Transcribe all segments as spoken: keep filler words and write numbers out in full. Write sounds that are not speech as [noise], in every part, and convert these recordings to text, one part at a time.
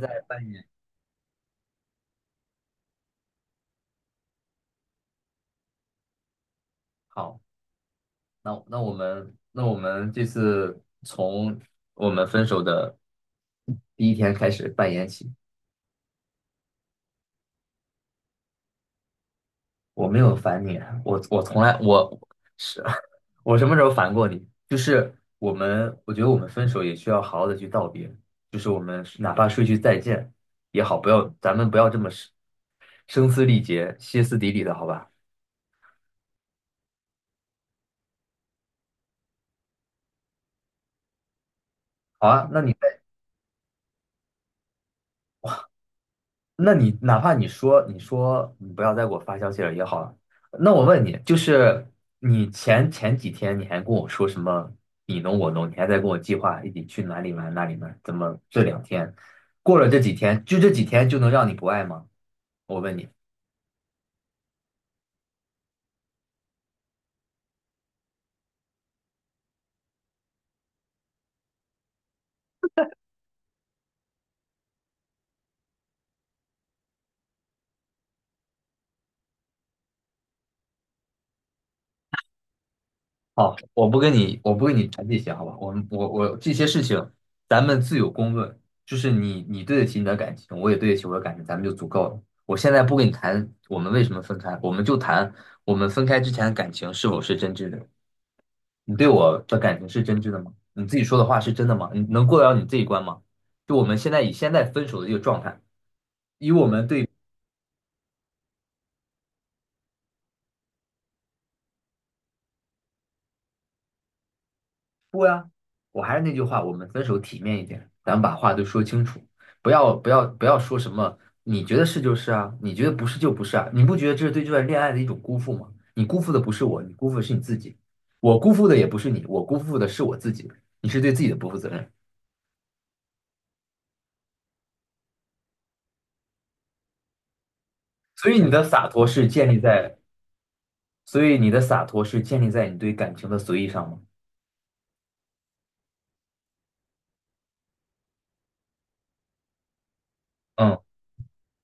在扮演。好，那那我们那我们这次从我们分手的第一天开始扮演起。我没有烦你，我我从来我是 [laughs] 我什么时候烦过你？就是我们，我觉得我们分手也需要好好的去道别，就是我们哪怕说一句再见也好，不要咱们不要这么声声嘶力竭、歇斯底里的，好吧？好啊，那你。那你哪怕你说你说你不要再给我发消息了也好了，那我问你，就是你前前几天你还跟我说什么你侬我侬，你还在跟我计划一起去哪里玩哪里玩，怎么这两天过了这几天，就这几天就能让你不爱吗？我问你。好，我不跟你，我不跟你谈这些，好吧？我们我我这些事情，咱们自有公论。就是你你对得起你的感情，我也对得起我的感情，咱们就足够了。我现在不跟你谈我们为什么分开，我们就谈我们分开之前的感情是否是真挚的。你对我的感情是真挚的吗？你自己说的话是真的吗？你能过得了你这一关吗？就我们现在以现在分手的这个状态。啊！我还是那句话，我们分手体面一点，咱们把话都说清楚，不要不要不要说什么你觉得是就是啊，你觉得不是就不是啊，你不觉得这是对这段恋爱的一种辜负吗？你辜负的不是我，你辜负的是你自己，我辜负的也不是你，我辜负的是我自己，你是对自己的不负责任。所以你的洒脱是建立在，所以你的洒脱是建立在你对感情的随意上吗？嗯，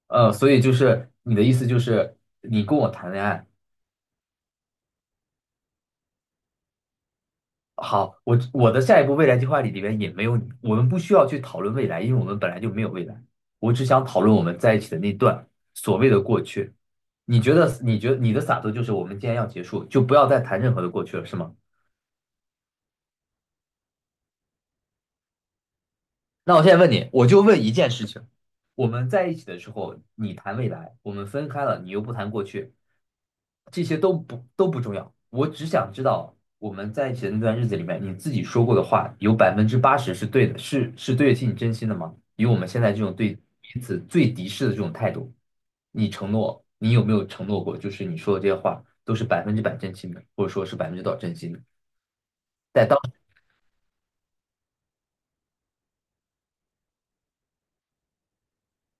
呃，所以就是你的意思就是你跟我谈恋爱。好，我我的下一步未来计划里里边也没有你，我们不需要去讨论未来，因为我们本来就没有未来。我只想讨论我们在一起的那段所谓的过去。你觉得？你觉得你的洒脱就是我们既然要结束，就不要再谈任何的过去了，是吗？那我现在问你，我就问一件事情：我们在一起的时候，你谈未来，我们分开了，你又不谈过去，这些都不都不重要，我只想知道我们在一起的那段日子里面，你自己说过的话有百分之八十是对的，是是对得起你真心的吗？以我们现在这种对彼此最敌视的这种态度，你承诺，你有没有承诺过，就是你说的这些话都是百分之百真心的，或者说是百分之多少真心的？但当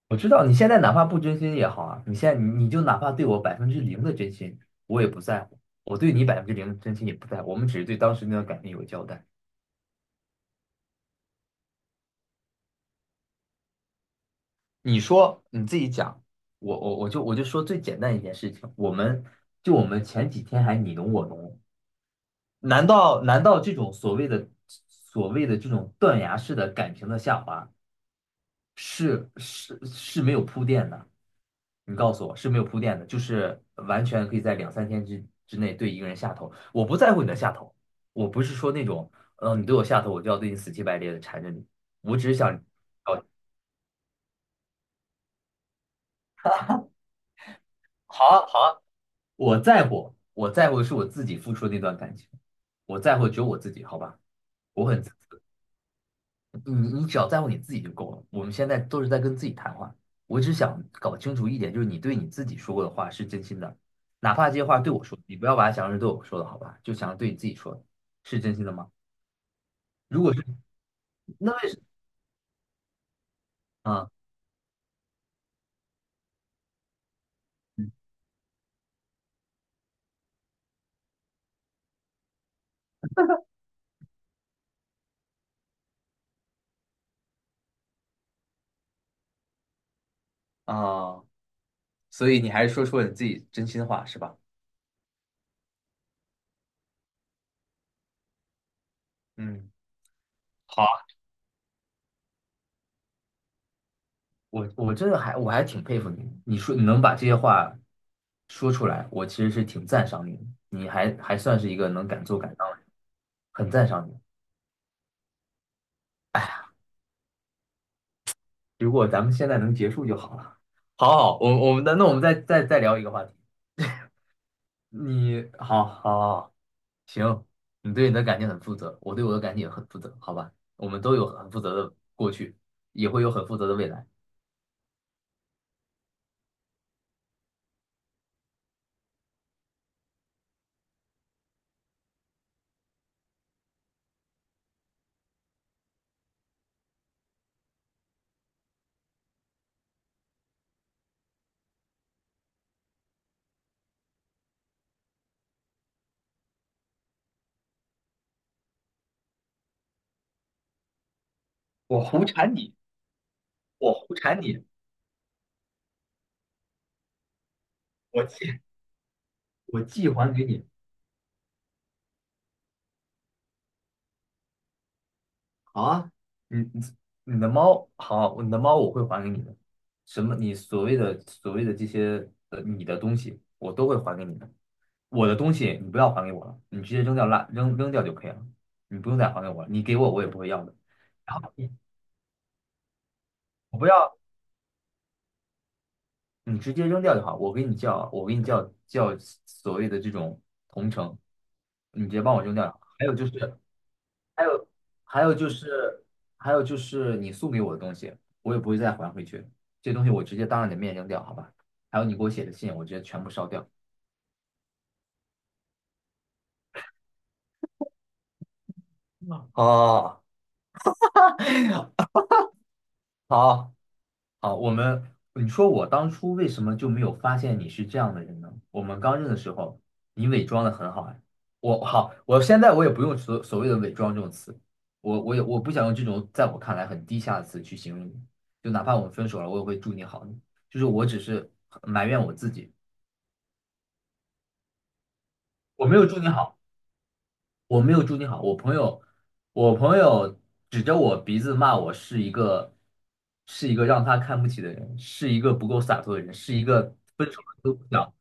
我知道你现在哪怕不真心也好啊，你现在你你就哪怕对我百分之零的真心，我也不在乎，我对你百分之零的真心也不在乎，我们只是对当时那段感情有个交代。你说你自己讲，我我我就我就说最简单一件事情，我们就我们前几天还你侬我侬，难道难道这种所谓的所谓的这种断崖式的感情的下滑是是是没有铺垫的？你告诉我是没有铺垫的，就是完全可以在两三天之之内对一个人下头。我不在乎你的下头，我不是说那种，呃，你对我下头，我就要对你死乞白赖的缠着你，我只是想，哦，好啊好啊。我在乎，我在乎的是我自己付出的那段感情，我在乎只有我自己，好吧？我很，你你只要在乎你自己就够了。我们现在都是在跟自己谈话，我只想搞清楚一点，就是你对你自己说过的话是真心的，哪怕这些话对我说，你不要把它想成是对我说的，好吧？就想着对你自己说的，是真心的吗？如果是，那为什么？啊嗯啊，所以你还是说出了你自己真心话，是吧？嗯。好。我我真的还我还挺佩服你，你说你能把这些话说出来，我其实是挺赞赏你的，你还还算是一个能敢做敢当的人很赞赏你。哎呀，如果咱们现在能结束就好了。好好，我我们的那我们再再再聊一个话题。你好好好，行，你对你的感情很负责，我对我的感情也很负责，好吧？我们都有很负责的过去，也会有很负责的未来。我胡缠你，我胡缠你，我借我寄还给你。好啊，你你你的猫好啊，你的猫我会还给你的。什么？你所谓的所谓的这些呃，你的东西我都会还给你的。我的东西你不要还给我了，你直接扔掉垃扔扔掉就可以了，你不用再还给我了。你给我我也不会要的。然后你我不要，你直接扔掉就好。我给你叫，我给你叫叫所谓的这种同城，你直接帮我扔掉就好。还有就是。还有还有就是，还有就是你送给我的东西，我也不会再还回去。这东西我直接当着你的面扔掉，好吧？还有你给我写的信，我直接全部烧掉。哦，好，好，我们，你说我当初为什么就没有发现你是这样的人呢？我们刚认的时候，你伪装的很好哎。我好，我现在我也不用所所谓的伪装这种词，我我也我不想用这种在我看来很低下的词去形容你。就哪怕我们分手了，我也会祝你好。就是我只是埋怨我自己。我没有祝你好，我没有祝你好。我朋友，我朋友指着我鼻子骂我是一个，是一个让他看不起的人，是一个不够洒脱的人，是一个分手了都不讲。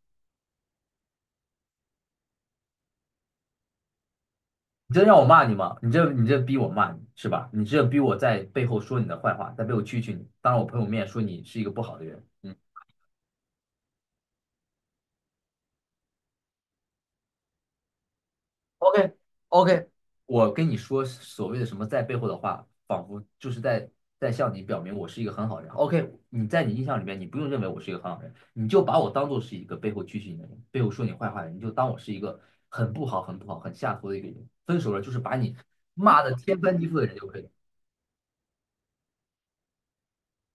你这让我骂你吗？你这你这逼我骂你是吧？你这逼我在背后说你的坏话，在背后蛐蛐你，当着我朋友面说你是一个不好的人。嗯 OK OK，我跟你说所谓的什么在背后的话，仿佛就是在在向你表明我是一个很好的人。OK，你在你印象里面，你不用认为我是一个很好人，你就把我当做是一个背后蛐蛐你的人，背后说你坏话的人，你就当我是一个很不好、很不好、很下头的一个人。分手了就是把你骂的天翻地覆的人就可以了。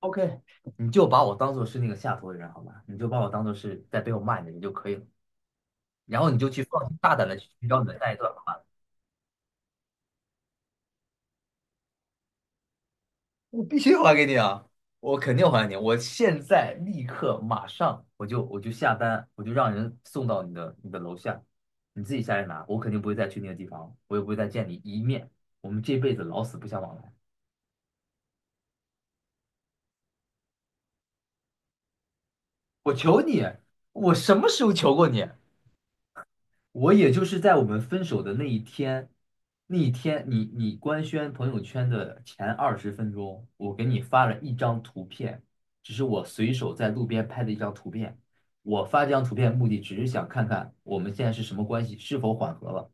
OK，你就把我当做是那个下头的人好吧，你就把我当做是在背后骂你的人就可以了，然后你就去放心大胆的去寻找你的下一段吧。我必须还给你啊！我肯定还你！我现在立刻马上我就我就下单，我就让人送到你的你的楼下，你自己下来拿。我肯定不会再去那个地方，我也不会再见你一面。我们这辈子老死不相往来。我求你，我什么时候求过你？我也就是在我们分手的那一天，那一天你你官宣朋友圈的前二十分钟，我给你发了一张图片，只是我随手在路边拍的一张图片。我发这张图片目的只是想看看我们现在是什么关系，是否缓和了。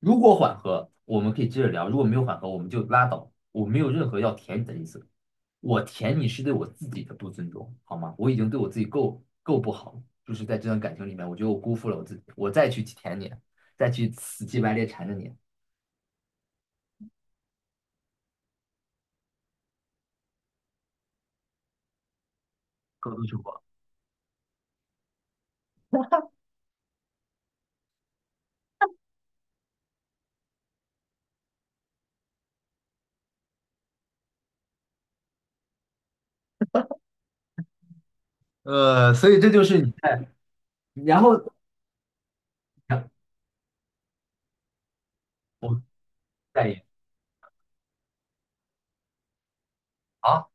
如果缓和，我们可以接着聊；如果没有缓和，我们就拉倒。我没有任何要舔你的意思，我舔你是对我自己的不尊重，好吗？我已经对我自己够够不好了，就是在这段感情里面，我觉得我辜负了我自己，我再去舔你，再去死乞白赖缠着你，够不够？呃，所以这就是你在，然后我再一好。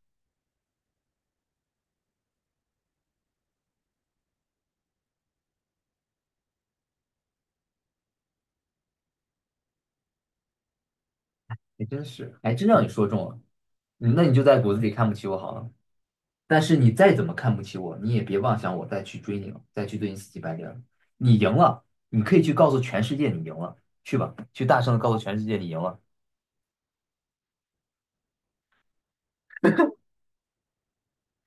也真是，还真让你说中了，嗯那你就在骨子里看不起我好了。但是你再怎么看不起我，你也别妄想我再去追你了，再去对你死乞白赖了。你赢了，你可以去告诉全世界你赢了，去吧，去大声的告诉全世界你赢了。